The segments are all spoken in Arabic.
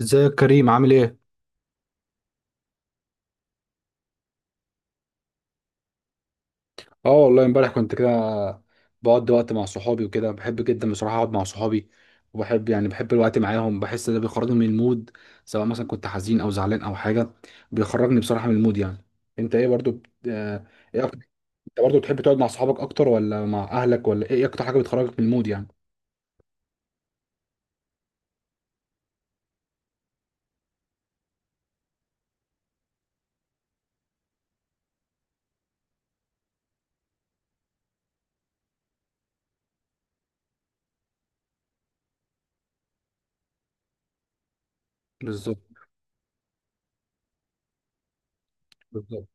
ازيك يا كريم؟ عامل ايه؟ اه والله امبارح كنت كده، بقضي وقت مع صحابي وكده. بحب جدا بصراحة اقعد مع صحابي، وبحب يعني بحب الوقت معاهم، بحس ده بيخرجني من المود، سواء مثلا كنت حزين او زعلان او حاجة. بيخرجني بصراحة من المود يعني. انت ايه برضو بت... آه، ايه اكتر؟ انت برضو بتحب تقعد مع صحابك اكتر ولا مع اهلك؟ ولا ايه اكتر حاجة بتخرجك من المود يعني؟ بالظبط، بالظبط،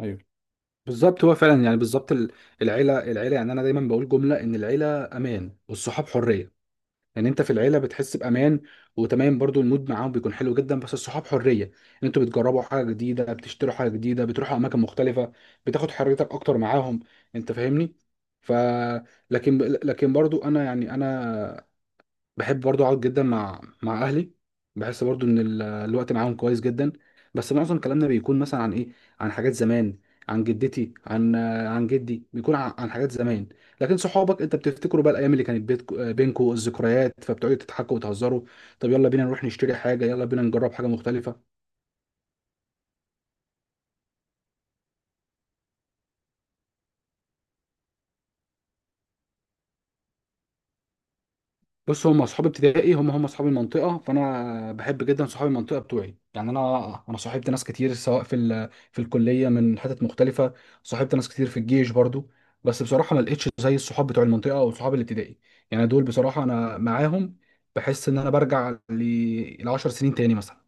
ايوه، بالظبط. هو فعلا يعني بالظبط العيلة. يعني انا دايما بقول جملة ان العيلة امان والصحاب حرية. لان انت في العيله بتحس بامان وتمام، برضو المود معاهم بيكون حلو جدا، بس الصحاب حريه، ان انتوا بتجربوا حاجه جديده، بتشتروا حاجه جديده، بتروحوا اماكن مختلفه، بتاخد حريتك اكتر معاهم. انت فاهمني؟ ف لكن برضو انا يعني انا بحب برضو اقعد جدا مع اهلي. بحس برضو ان الوقت معاهم كويس جدا، بس معظم كلامنا بيكون مثلا عن ايه؟ عن حاجات زمان، عن جدتي، عن جدي، بيكون عن حاجات زمان. لكن صحابك انت بتفتكروا بقى الايام اللي كانت بينكوا الذكريات، فبتقعدوا تضحكوا وتهزروا. طب يلا بينا نروح نشتري حاجه، يلا بينا نجرب حاجه مختلفه. بص هم اصحاب ابتدائي، هم اصحاب المنطقه، فانا بحب جدا صحاب المنطقه بتوعي. يعني انا صاحبت ناس كتير، سواء في الكليه من حتت مختلفه، صاحبت ناس كتير في الجيش برضو. بس بصراحه ما لقيتش زي الصحاب بتوع المنطقه او صحاب الابتدائي. يعني دول بصراحه انا معاهم بحس ان انا برجع ل 10 سنين تاني مثلا.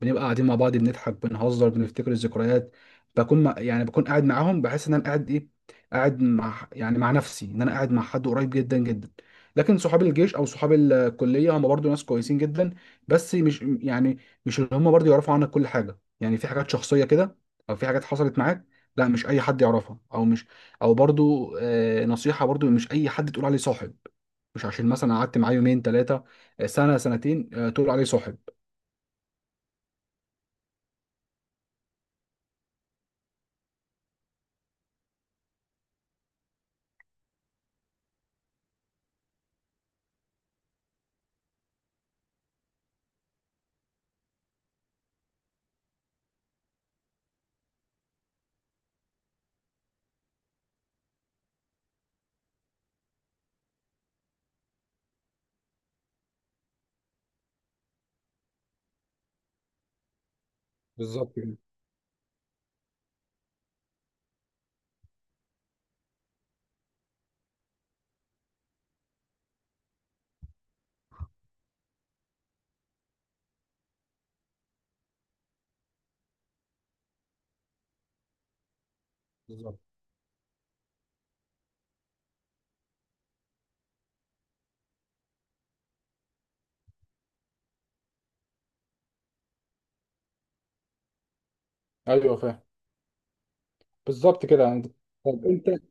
بنبقى قاعدين مع بعض، بنضحك، بنهزر، بنفتكر الذكريات. بكون مع يعني بكون قاعد معاهم بحس ان انا قاعد ايه، قاعد مع يعني مع نفسي، ان انا قاعد مع حد قريب جدا جدا. لكن صحاب الجيش او صحاب الكليه هم برضو ناس كويسين جدا، بس مش يعني مش اللي هم برضو يعرفوا عنك كل حاجه. يعني في حاجات شخصيه كده او في حاجات حصلت معاك، لا مش اي حد يعرفها، او مش، او برضو آه، نصيحه برضو، مش اي حد تقول عليه صاحب. مش عشان مثلا قعدت معاه يومين، ثلاثه، سنه، سنتين، تقول عليه صاحب. بالظبط كده. بالظبط، ايوه فاهم. بالظبط كده يعني. طب انت،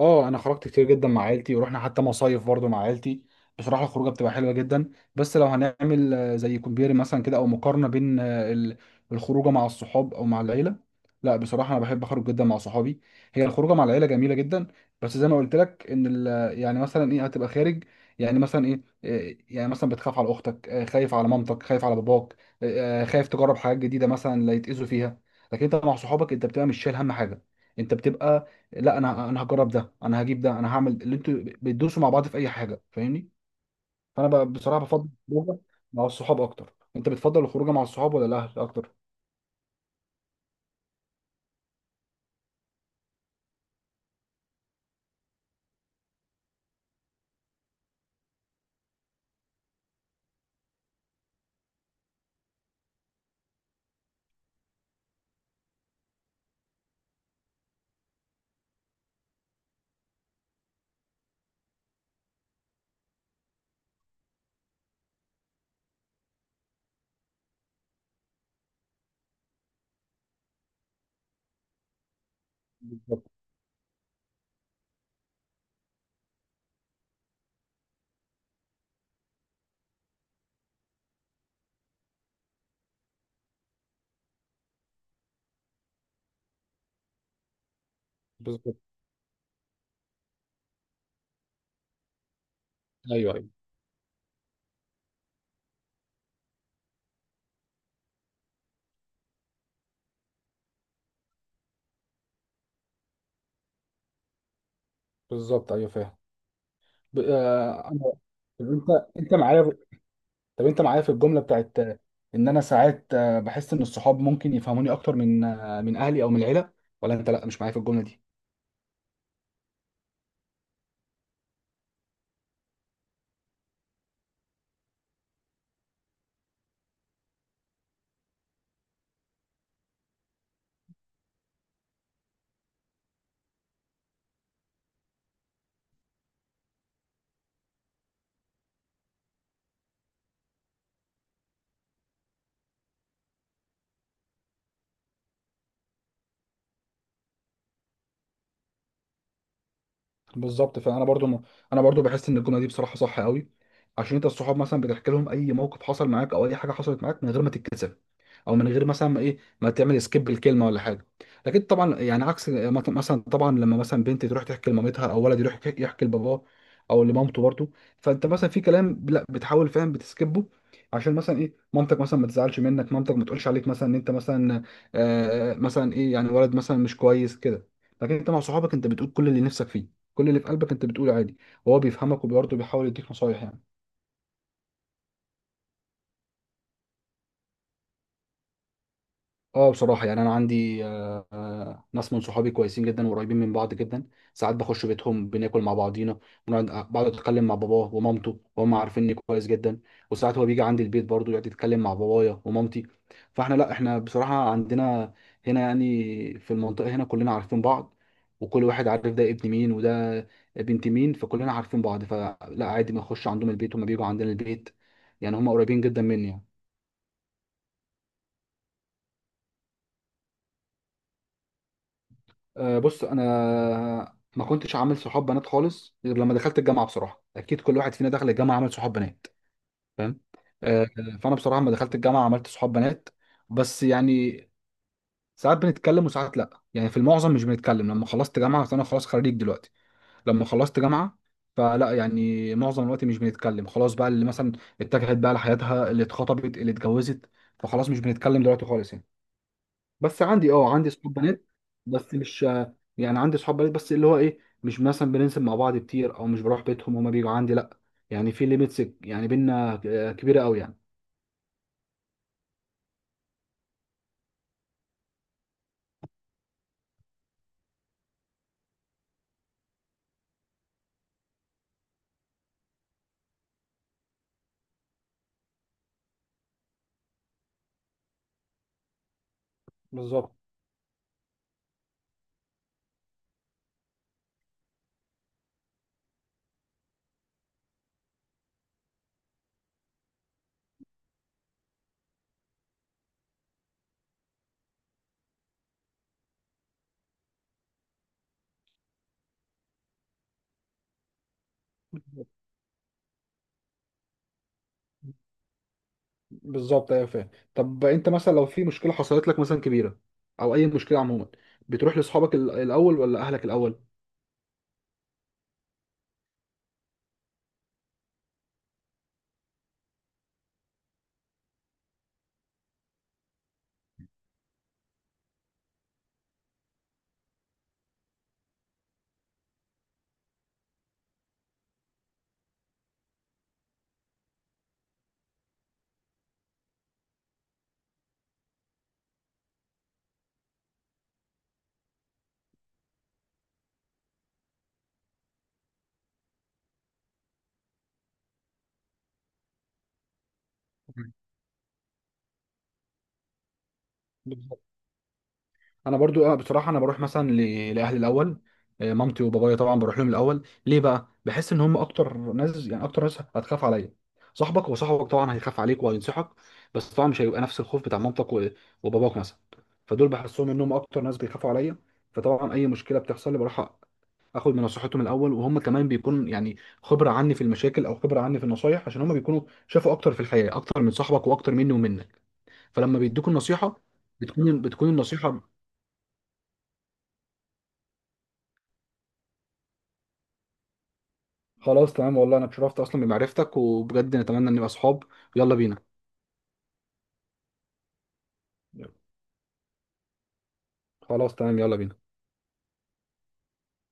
اه انا خرجت كتير جدا مع عيلتي، ورحنا حتى مصايف برضو مع عيلتي. بصراحه الخروجه بتبقى حلوه جدا، بس لو هنعمل زي كومبير مثلا كده، او مقارنه بين الخروجه مع الصحاب او مع العيله، لا بصراحه انا بحب اخرج جدا مع صحابي. هي الخروجه مع العيله جميله جدا، بس زي ما قلت لك ان يعني مثلا ايه، هتبقى خارج، يعني مثلا ايه، يعني مثلا بتخاف على اختك، خايف على مامتك، خايف على باباك، خايف تجرب حاجات جديده مثلا، لا يتاذوا فيها. لكن انت مع صحابك انت بتبقى مش شايل هم حاجه. انت بتبقى لا، انا هجرب ده، انا هجيب ده، انا هعمل اللي انتوا بتدوسوا مع بعض في اي حاجه. فاهمني؟ فانا بصراحه بفضل الخروجه مع الصحاب اكتر. انت بتفضل الخروجه مع الصحاب ولا الاهل اكتر؟ بالظبط. بالظبط ايوه. ايوه بالظبط. ايوه فاهم. انا، طب انت معايا، طب انت معايا في الجمله بتاعت ان انا ساعات بحس ان الصحاب ممكن يفهموني اكتر من من اهلي او من العيله، ولا انت لا مش معايا في الجمله دي؟ بالظبط. فانا برضو انا برضو بحس ان الجمله دي بصراحه صح قوي، عشان انت الصحاب مثلا بتحكي لهم اي موقف حصل معاك او اي حاجه حصلت معاك من غير ما تتكسف، او من غير مثلا ما ايه، ما تعمل سكيب الكلمه ولا حاجه. لكن طبعا يعني عكس مثلا طبعا لما مثلا بنت تروح تحكي لمامتها، او ولد يروح يحكي لباباه او لمامته برضو، فانت مثلا في كلام لا بتحاول فاهم بتسكبه، عشان مثلا ايه، مامتك مثلا ما تزعلش منك، مامتك ما تقولش عليك مثلا ان انت مثلا، آه مثلا ايه، يعني ولد مثلا مش كويس كده. لكن انت مع صحابك انت بتقول كل اللي نفسك فيه، كل اللي في قلبك انت بتقوله عادي، وهو بيفهمك وبرضه بيحاول يديك نصايح يعني. اه بصراحة، يعني أنا عندي ناس من صحابي كويسين جدا وقريبين من بعض جدا. ساعات بخش بيتهم، بناكل مع بعضينا، بنقعد آه، بقعد أتكلم مع باباه ومامته، وهم عارفيني كويس جدا. وساعات هو بيجي عندي البيت برضه يقعد يتكلم مع بابايا ومامتي. فاحنا لا، احنا بصراحة عندنا هنا يعني في المنطقة هنا كلنا عارفين بعض، وكل واحد عارف ده ابن مين وده بنت مين، فكلنا عارفين بعض. فلا، عادي ما أخش عندهم البيت، هما بيجوا عندنا البيت. يعني هما قريبين جدا مني يعني. بص انا ما كنتش عامل صحاب بنات خالص غير لما دخلت الجامعه. بصراحه اكيد كل واحد فينا دخل الجامعه عمل صحاب بنات، فاهم؟ آه، فانا بصراحه لما دخلت الجامعه عملت صحاب بنات. بس يعني ساعات بنتكلم وساعات لا، يعني في المعظم مش بنتكلم. لما خلصت جامعه، فانا خلاص خريج دلوقتي، لما خلصت جامعه، فلا يعني معظم الوقت مش بنتكلم. خلاص بقى، اللي مثلا اتجهت بقى لحياتها، اللي اتخطبت، اللي اتجوزت، فخلاص مش بنتكلم دلوقتي خالص يعني. بس عندي، اه عندي صحاب بنات، بس مش يعني. عندي صحاب بنات بس اللي هو ايه، مش مثلا بننزل مع بعض كتير، او مش بروح بيتهم، هما بيجوا عندي لا. يعني في ليميتس يعني بينا كبيره قوي يعني. بالظبط. بالظبط ايوه فاهم. طب انت مثلا لو في مشكله حصلت لك مثلا كبيره، او اي مشكله عموما، بتروح لاصحابك الاول ولا اهلك الاول؟ بالظبط. انا برضو بصراحه انا بروح مثلا لاهلي الاول. مامتي وبابايا طبعا بروح لهم الاول. ليه بقى؟ بحس ان هم اكتر ناس، يعني اكتر ناس هتخاف عليا. صاحبك وصاحبك طبعا هيخاف عليك وهينصحك، بس طبعا مش هيبقى نفس الخوف بتاع مامتك وباباك مثلا. فدول بحسهم انهم اكتر ناس بيخافوا عليا. فطبعا اي مشكله بتحصل لي بروح اخد من نصيحتهم الاول، وهم كمان بيكون يعني خبره عني في المشاكل او خبره عني في النصايح، عشان هم بيكونوا شافوا اكتر في الحياه، اكتر من صاحبك واكتر مني ومنك، فلما بيدوك النصيحه بتكون النصيحة. خلاص تمام، والله انا اتشرفت اصلا بمعرفتك، وبجد نتمنى ان نبقى صحاب. يلا بينا. يلا. خلاص تمام، يلا بينا.